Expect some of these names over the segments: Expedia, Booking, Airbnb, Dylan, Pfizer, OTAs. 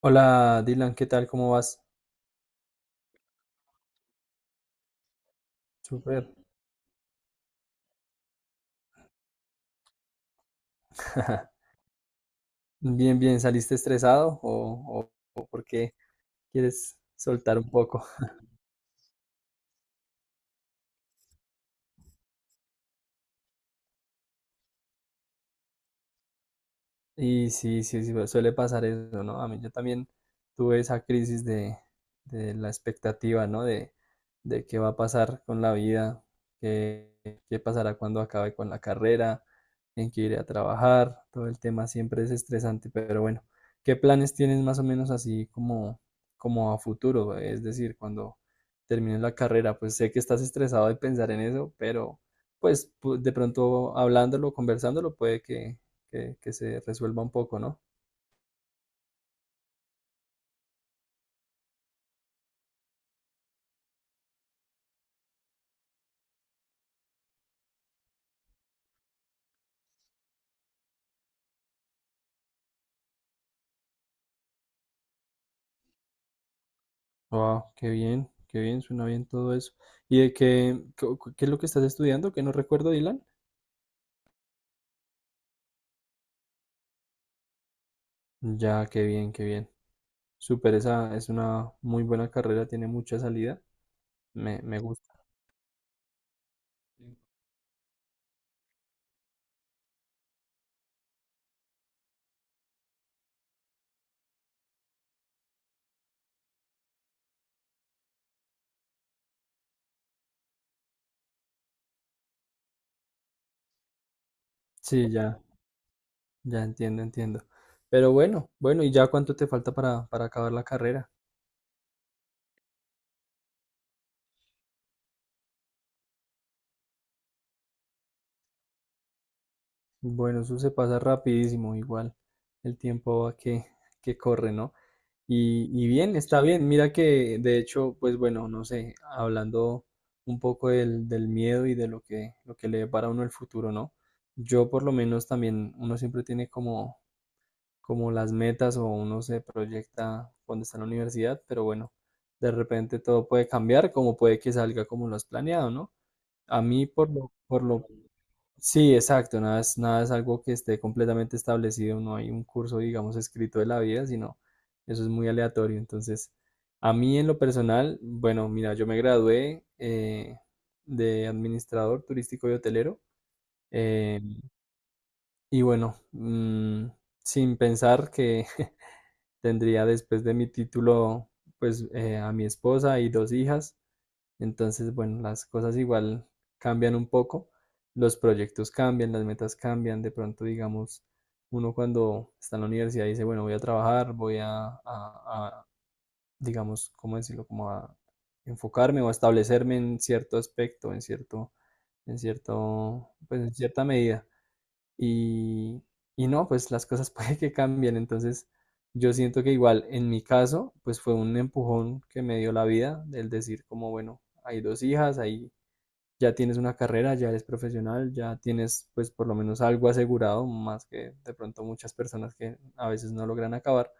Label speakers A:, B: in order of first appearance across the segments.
A: Hola Dylan, ¿qué tal? ¿Cómo vas? Súper. Bien, bien. ¿Saliste estresado o por qué quieres soltar un poco? Y sí, sí, sí, pues, suele pasar eso, ¿no? A mí yo también tuve esa crisis de la expectativa, ¿no? De qué va a pasar con la vida, qué, qué pasará cuando acabe con la carrera, en qué iré a trabajar, todo el tema siempre es estresante, pero bueno, ¿qué planes tienes más o menos así como, como a futuro? Es decir, cuando termines la carrera, pues sé que estás estresado de pensar en eso, pero pues de pronto hablándolo, conversándolo, puede que se resuelva un poco, ¿no? Wow, qué bien, suena bien todo eso. ¿Y de qué, qué es lo que estás estudiando? Que no recuerdo, Dylan. Ya, qué bien, qué bien. Súper, esa es una muy buena carrera, tiene mucha salida. Me gusta. Sí, ya, ya entiendo, entiendo. Pero bueno, bueno, ¿y ya cuánto te falta para acabar la carrera? Bueno, eso se pasa rapidísimo, igual. El tiempo va que corre, ¿no? Y bien, está bien. Mira que, de hecho, pues bueno, no sé, hablando un poco del, del miedo y de lo que le depara a uno el futuro, ¿no? Yo por lo menos también, uno siempre tiene como, como las metas o uno se proyecta cuando está en la universidad, pero bueno, de repente todo puede cambiar, como puede que salga como lo has planeado, ¿no? A mí por lo, sí, exacto, nada es, nada es algo que esté completamente establecido, no hay un curso, digamos, escrito de la vida, sino eso es muy aleatorio. Entonces, a mí en lo personal, bueno, mira, yo me gradué de administrador turístico y hotelero. Eh, y bueno, sin pensar que tendría después de mi título, pues a mi esposa y dos hijas. Entonces, bueno, las cosas igual cambian un poco, los proyectos cambian, las metas cambian, de pronto, digamos, uno cuando está en la universidad dice, bueno, voy a trabajar, voy a, digamos, ¿cómo decirlo? Como a enfocarme o a establecerme en cierto aspecto, en cierto, pues en cierta medida y, y no, pues las cosas puede que cambien. Entonces, yo siento que igual en mi caso, pues fue un empujón que me dio la vida, del decir como, bueno, hay dos hijas, ahí ya tienes una carrera, ya eres profesional, ya tienes pues por lo menos algo asegurado, más que de pronto muchas personas que a veces no logran acabar.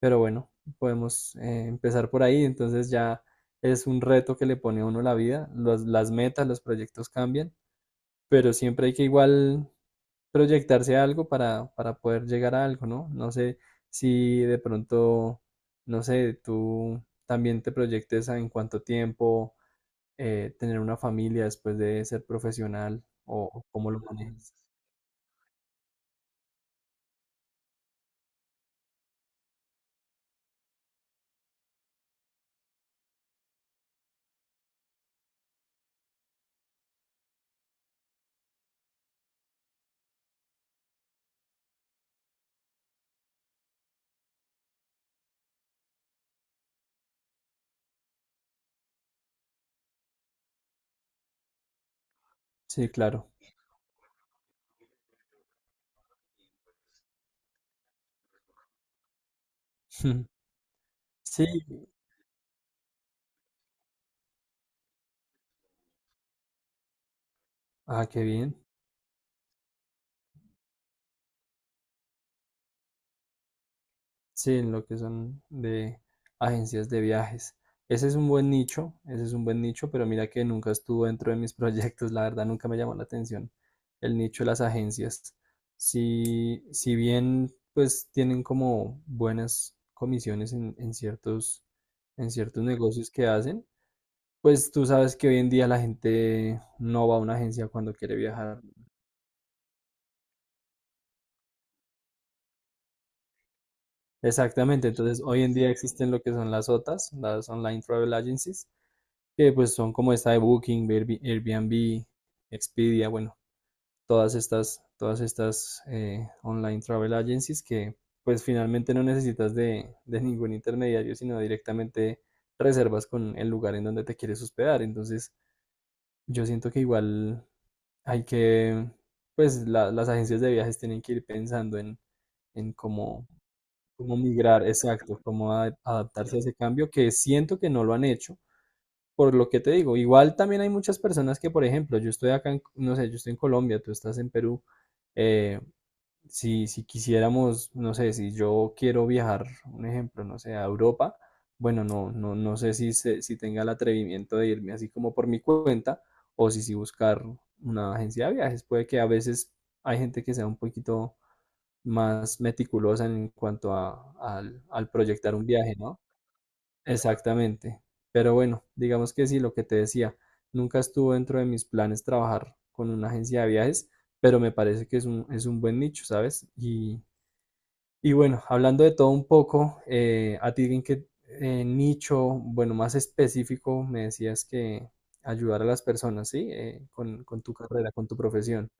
A: Pero bueno, podemos empezar por ahí, entonces ya es un reto que le pone a uno la vida, las metas, los proyectos cambian pero siempre hay que igual proyectarse a algo para poder llegar a algo, ¿no? No sé si de pronto, no sé, tú también te proyectes a en cuánto tiempo tener una familia después de ser profesional o cómo lo manejas. Sí, claro. Sí, ah, qué bien. Sí, en lo que son de agencias de viajes. Ese es un buen nicho, ese es un buen nicho, pero mira que nunca estuvo dentro de mis proyectos, la verdad nunca me llamó la atención el nicho de las agencias. Si, si bien pues tienen como buenas comisiones en ciertos negocios que hacen, pues tú sabes que hoy en día la gente no va a una agencia cuando quiere viajar. Exactamente, entonces hoy en día existen lo que son las OTAs, las Online Travel Agencies que pues son como esta de Booking, Airbnb, Expedia, bueno, todas estas online travel agencies que pues finalmente no necesitas de ningún intermediario, sino directamente reservas con el lugar en donde te quieres hospedar. Entonces, yo siento que igual hay que, pues las agencias de viajes tienen que ir pensando en cómo, cómo migrar, exacto, cómo adaptarse a ese cambio, que siento que no lo han hecho por lo que te digo, igual también hay muchas personas que, por ejemplo, yo estoy acá, no sé, yo estoy en Colombia, tú estás en Perú. eh, si, si quisiéramos, no sé, si yo quiero viajar, un ejemplo, no sé, a Europa, bueno, no, no, no sé si, si tenga el atrevimiento de irme así como por mi cuenta o si, si buscar una agencia de viajes. Puede que a veces hay gente que sea un poquito más meticulosa en cuanto a, al, al proyectar un viaje, ¿no? Exactamente. Pero bueno, digamos que sí, lo que te decía, nunca estuvo dentro de mis planes trabajar con una agencia de viajes, pero me parece que es un buen nicho, ¿sabes? Y bueno, hablando de todo un poco, a ti en qué nicho, bueno, más específico, me decías que ayudar a las personas, ¿sí? Con tu carrera, con tu profesión.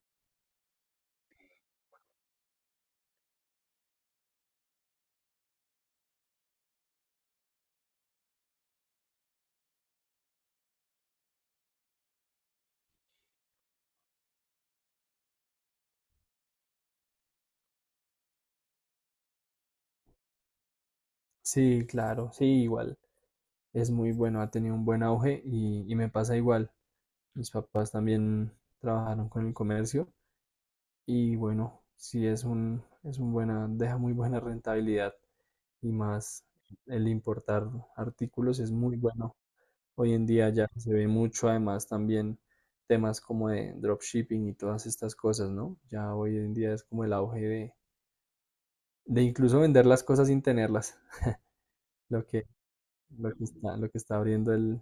A: Sí, claro, sí, igual. Es muy bueno, ha tenido un buen auge y me pasa igual. Mis papás también trabajaron con el comercio. Y bueno, sí es un buena, deja muy buena rentabilidad y más el importar artículos es muy bueno. Hoy en día ya se ve mucho, además también temas como de dropshipping y todas estas cosas, ¿no? Ya hoy en día es como el auge de incluso vender las cosas sin tenerlas, lo que, lo que está abriendo el,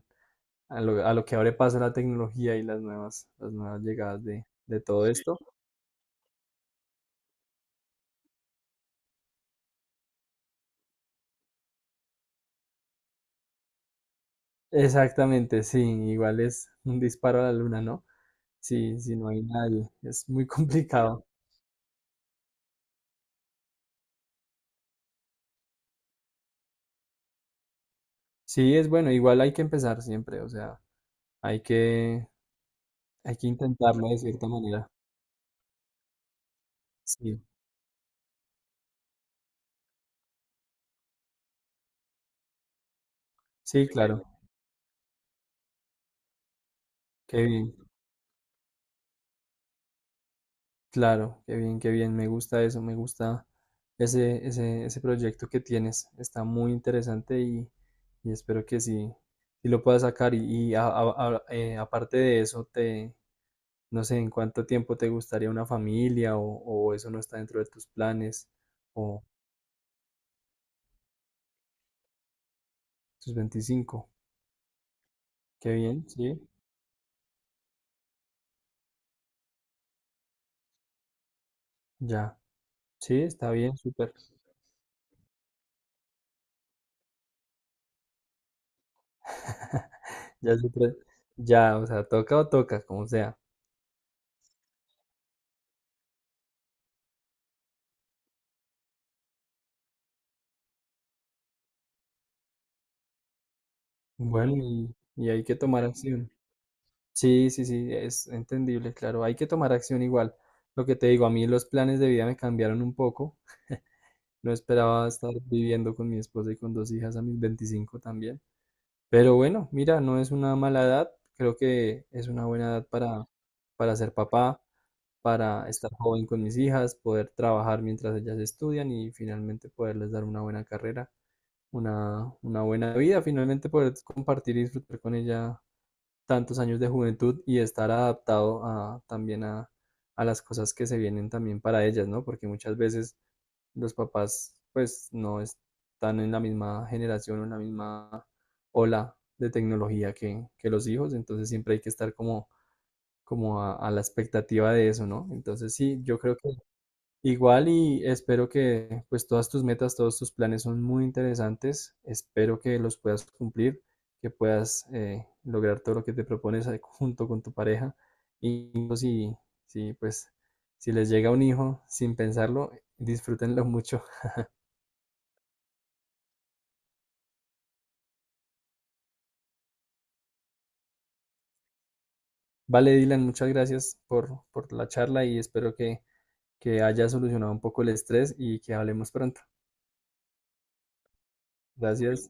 A: a lo que abre paso la tecnología y las nuevas llegadas de todo Sí, esto. Exactamente, sí, igual es un disparo a la luna, ¿no? Sí, sí, no hay nadie. Es muy complicado. Sí, es bueno, igual hay que empezar siempre, o sea, hay que, hay que intentarlo de cierta manera. Sí, sí, claro. Qué bien, claro, qué bien, qué bien. Me gusta eso, me gusta ese, ese, ese proyecto que tienes. Está muy interesante y espero que sí, sí lo puedas sacar. Y aparte de eso, te, no sé, ¿en cuánto tiempo te gustaría una familia o eso no está dentro de tus planes o tus 25. Qué bien, sí, ya. Sí, está bien, súper. Ya súper. Ya, o sea, toca o toca, como sea. Bueno, y hay que tomar acción. Sí, sí, sí, es entendible, claro. Hay que tomar acción igual. Lo que te digo, a mí los planes de vida me cambiaron un poco. No esperaba estar viviendo con mi esposa y con dos hijas a mis 25 también. Pero bueno, mira, no es una mala edad. Creo que es una buena edad para ser papá. Para estar joven con mis hijas, poder trabajar mientras ellas estudian y finalmente poderles dar una buena carrera, una buena vida, finalmente poder compartir y disfrutar con ella tantos años de juventud y estar adaptado a, también a las cosas que se vienen también para ellas, ¿no? Porque muchas veces los papás pues no están en la misma generación o en la misma ola de tecnología que los hijos, entonces siempre hay que estar como, como a la expectativa de eso, ¿no? Entonces sí, yo creo que igual y espero que pues todas tus metas, todos tus planes son muy interesantes. Espero que los puedas cumplir, que puedas lograr todo lo que te propones ahí junto con tu pareja. Y pues, si, si pues si les llega un hijo sin pensarlo, disfrútenlo mucho. Vale, Dylan, muchas gracias por la charla y espero que haya solucionado un poco el estrés y que hablemos pronto. Gracias.